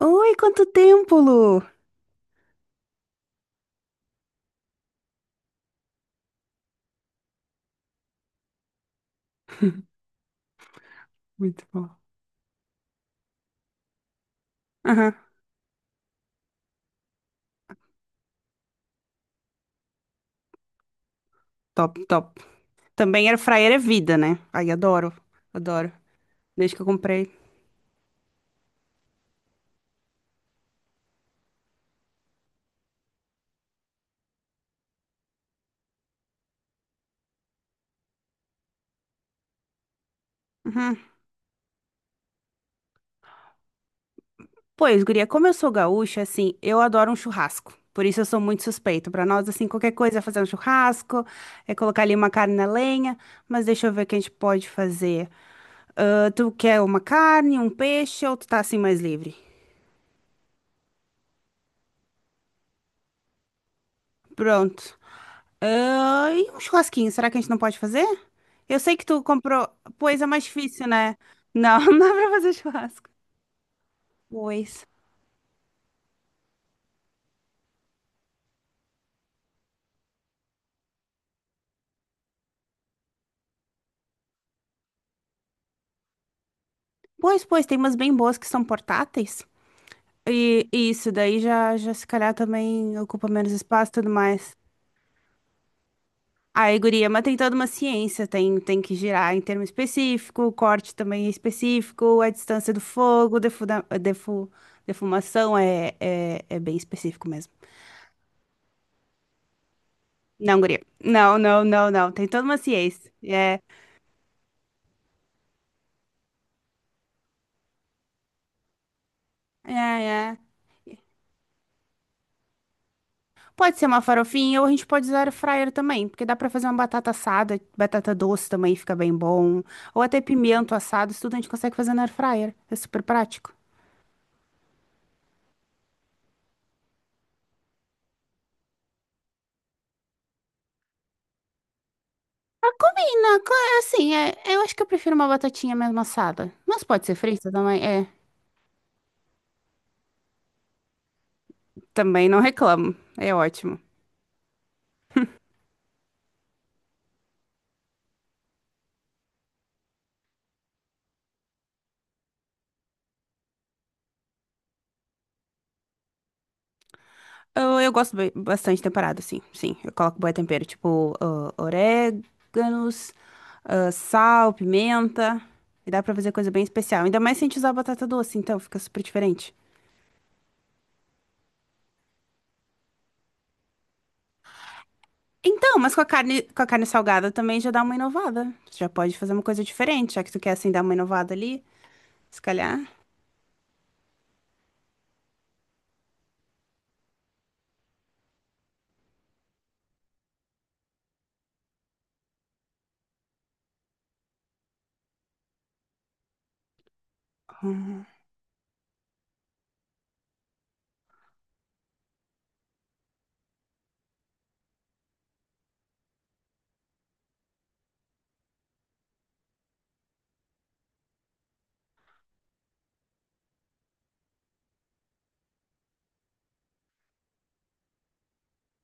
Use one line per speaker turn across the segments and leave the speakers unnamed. Oi, quanto tempo, Lu? Muito bom. Aham, top, top. Também air fryer é vida, né? Ai, adoro, adoro. Desde que eu comprei. Uhum. Pois, guria, como eu sou gaúcha, assim, eu adoro um churrasco. Por isso eu sou muito suspeita. Pra nós, assim, qualquer coisa é fazer um churrasco, é colocar ali uma carne na lenha. Mas deixa eu ver o que a gente pode fazer. Ah, tu quer uma carne, um peixe ou tu tá assim mais livre? Pronto. Ah, e um churrasquinho, será que a gente não pode fazer? Eu sei que tu comprou. Pois é mais difícil, né? Não, não dá pra fazer churrasco. Pois. Pois, pois, tem umas bem boas que são portáteis. E isso, daí já se calhar também ocupa menos espaço e tudo mais. Aí, guria, mas tem toda uma ciência, tem, tem que girar em termo específico, o corte também é específico, a distância do fogo, defumação é bem específico mesmo. Não, guria. Não, não, não, não. Tem toda uma ciência. É, é, é. Pode ser uma farofinha ou a gente pode usar air fryer também, porque dá pra fazer uma batata assada, batata doce também fica bem bom, ou até pimento assado, isso tudo a gente consegue fazer na air fryer. É super prático. Ah, combina, assim, é, eu acho que eu prefiro uma batatinha mesmo assada, mas pode ser frita também, é. Também não reclamo. É ótimo. Eu gosto bastante temperado, sim. Sim, eu coloco bué tempero, tipo ah, oréganos, ah, sal, pimenta. E dá pra fazer coisa bem especial. Ainda mais se a gente usar batata doce, então fica super diferente. Então, mas com a carne salgada também já dá uma inovada. Você já pode fazer uma coisa diferente, já que tu quer assim dar uma inovada ali, se calhar.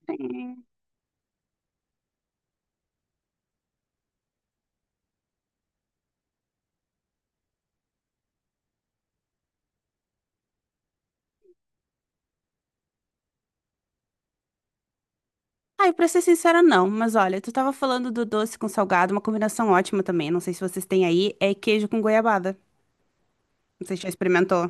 Sim. Ai, pra ser sincera, não. Mas olha, tu tava falando do doce com salgado, uma combinação ótima também. Não sei se vocês têm aí, é queijo com goiabada. Não sei se já experimentou.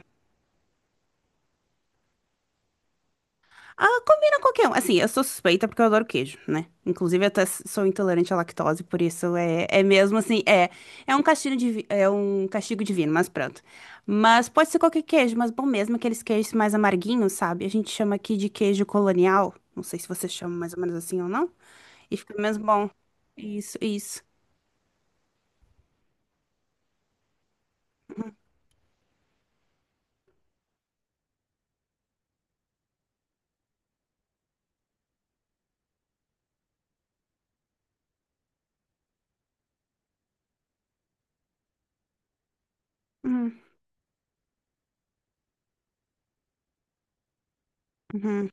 Ah, combina qualquer um. Assim, eu sou suspeita porque eu adoro queijo, né? Inclusive, eu até sou intolerante à lactose, por isso é mesmo assim, é, é um castigo divino, mas pronto. Mas pode ser qualquer queijo, mas bom mesmo aqueles queijos mais amarguinhos, sabe? A gente chama aqui de queijo colonial. Não sei se você chama mais ou menos assim ou não. E fica mesmo bom. Isso, isso. Uhum. Uhum.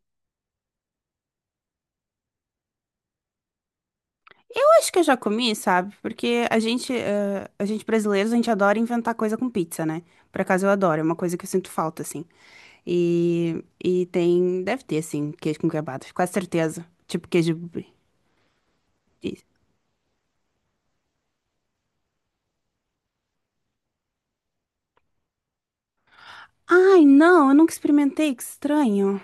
Eu acho que eu já comi, sabe? Porque a gente, a gente brasileiros, a gente adora inventar coisa com pizza, né? Por acaso eu adoro, é uma coisa que eu sinto falta, assim. E tem, deve ter, assim, queijo com goiabada, com certeza. Tipo queijo brie. Ai, não, eu nunca experimentei, que estranho.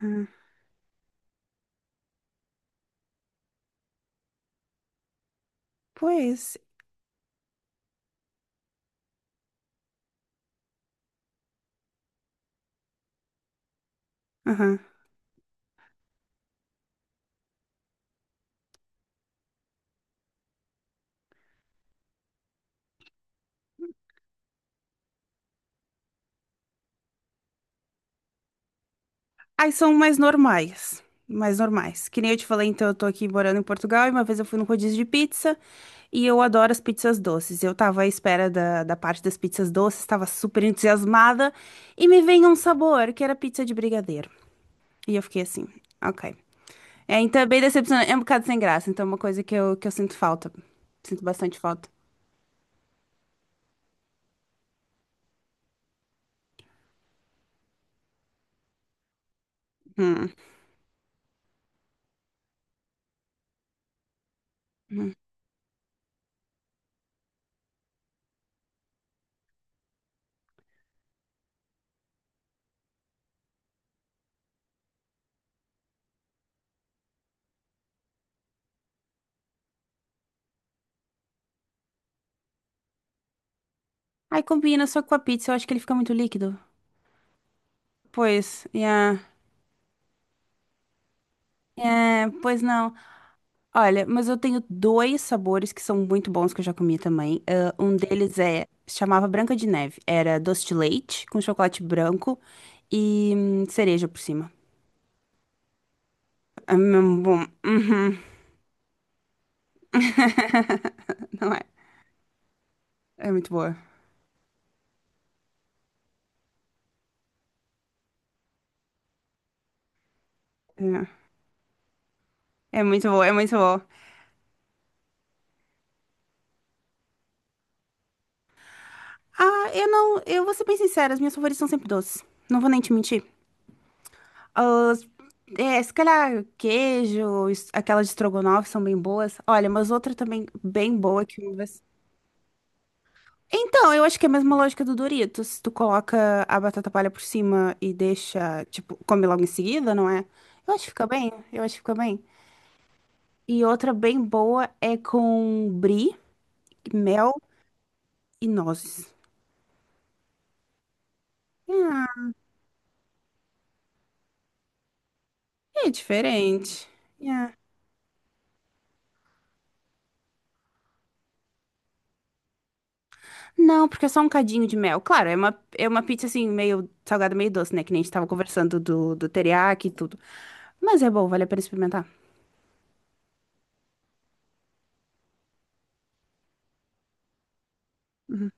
Ah, pois. Aham. Aí são mais normais. Mais normais. Que nem eu te falei, então eu tô aqui morando em Portugal e uma vez eu fui no rodízio de pizza e eu adoro as pizzas doces. Eu tava à espera da parte das pizzas doces, tava super entusiasmada e me veio um sabor que era pizza de brigadeiro. E eu fiquei assim, ok. É, então é bem decepcionante, é um bocado sem graça, então é uma coisa que eu sinto falta. Sinto bastante falta. Hum. Hum. Aí combina só que com a pizza, eu acho que ele fica muito líquido. Pois, yeah. É, pois não. Olha, mas eu tenho dois sabores que são muito bons que eu já comi também. Ah, um deles é, se chamava Branca de Neve. Era doce de leite com chocolate branco e cereja por cima. É mesmo bom. Uhum. Não é? É muito boa. É, é muito boa, é muito boa. Ah, eu não, eu vou ser bem sincera, as minhas favoritas são sempre doces. Não vou nem te mentir. As- É, se calhar queijo, aquelas de estrogonofe são bem boas. Olha, mas outra também bem boa que eu... Então, eu acho que é a mesma lógica do Doritos. Tu coloca a batata palha por cima e deixa, tipo, come logo em seguida, não é? Eu acho que fica bem, eu acho que fica bem. E outra bem boa é com brie, mel e nozes. Ah, é diferente. Yeah. Não, porque é só um cadinho de mel. Claro, é uma pizza assim, meio salgada, meio doce, né? Que nem a gente tava conversando do, do teriyaki e tudo. Mas é bom, vale a pena experimentar. Uhum.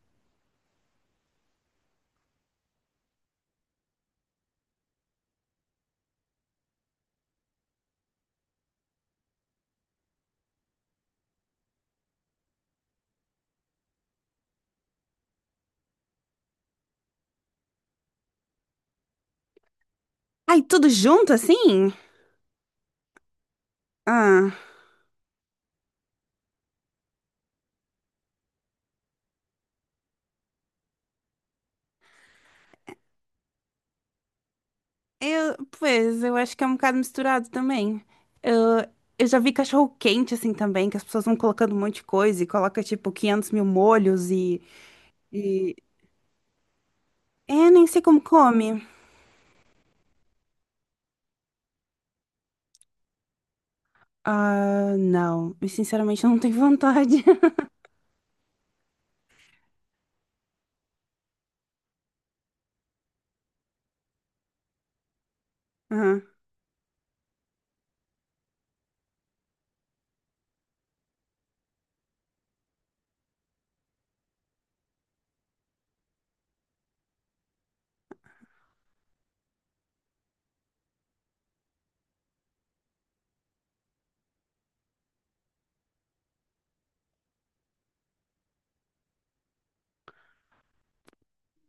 Ai, tudo junto assim? Ah. Eu, pois, eu acho que é um bocado misturado também. Eu, eu já vi cachorro quente assim também, que as pessoas vão colocando um monte de coisa e coloca tipo 500 mil molhos e... É, nem sei como come. Ah, não. Eu, sinceramente não tenho vontade. Aham.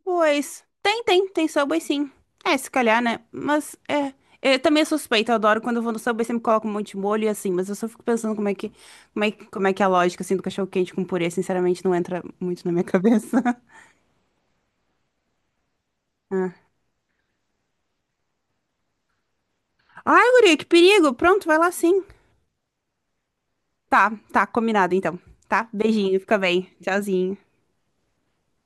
Pois, tem, tem, tem Subway sim. É, se calhar, né? Mas é. Eu também sou suspeita, eu adoro quando eu vou no Subway, sempre coloco um monte de molho e assim, mas eu só fico pensando como é que, como é, como é que é a lógica assim do cachorro quente com purê, sinceramente não entra muito na minha cabeça. Ai, guria, que perigo. Pronto, vai lá sim. Tá, tá, combinado então. Tá? Beijinho, fica bem. Tchauzinho.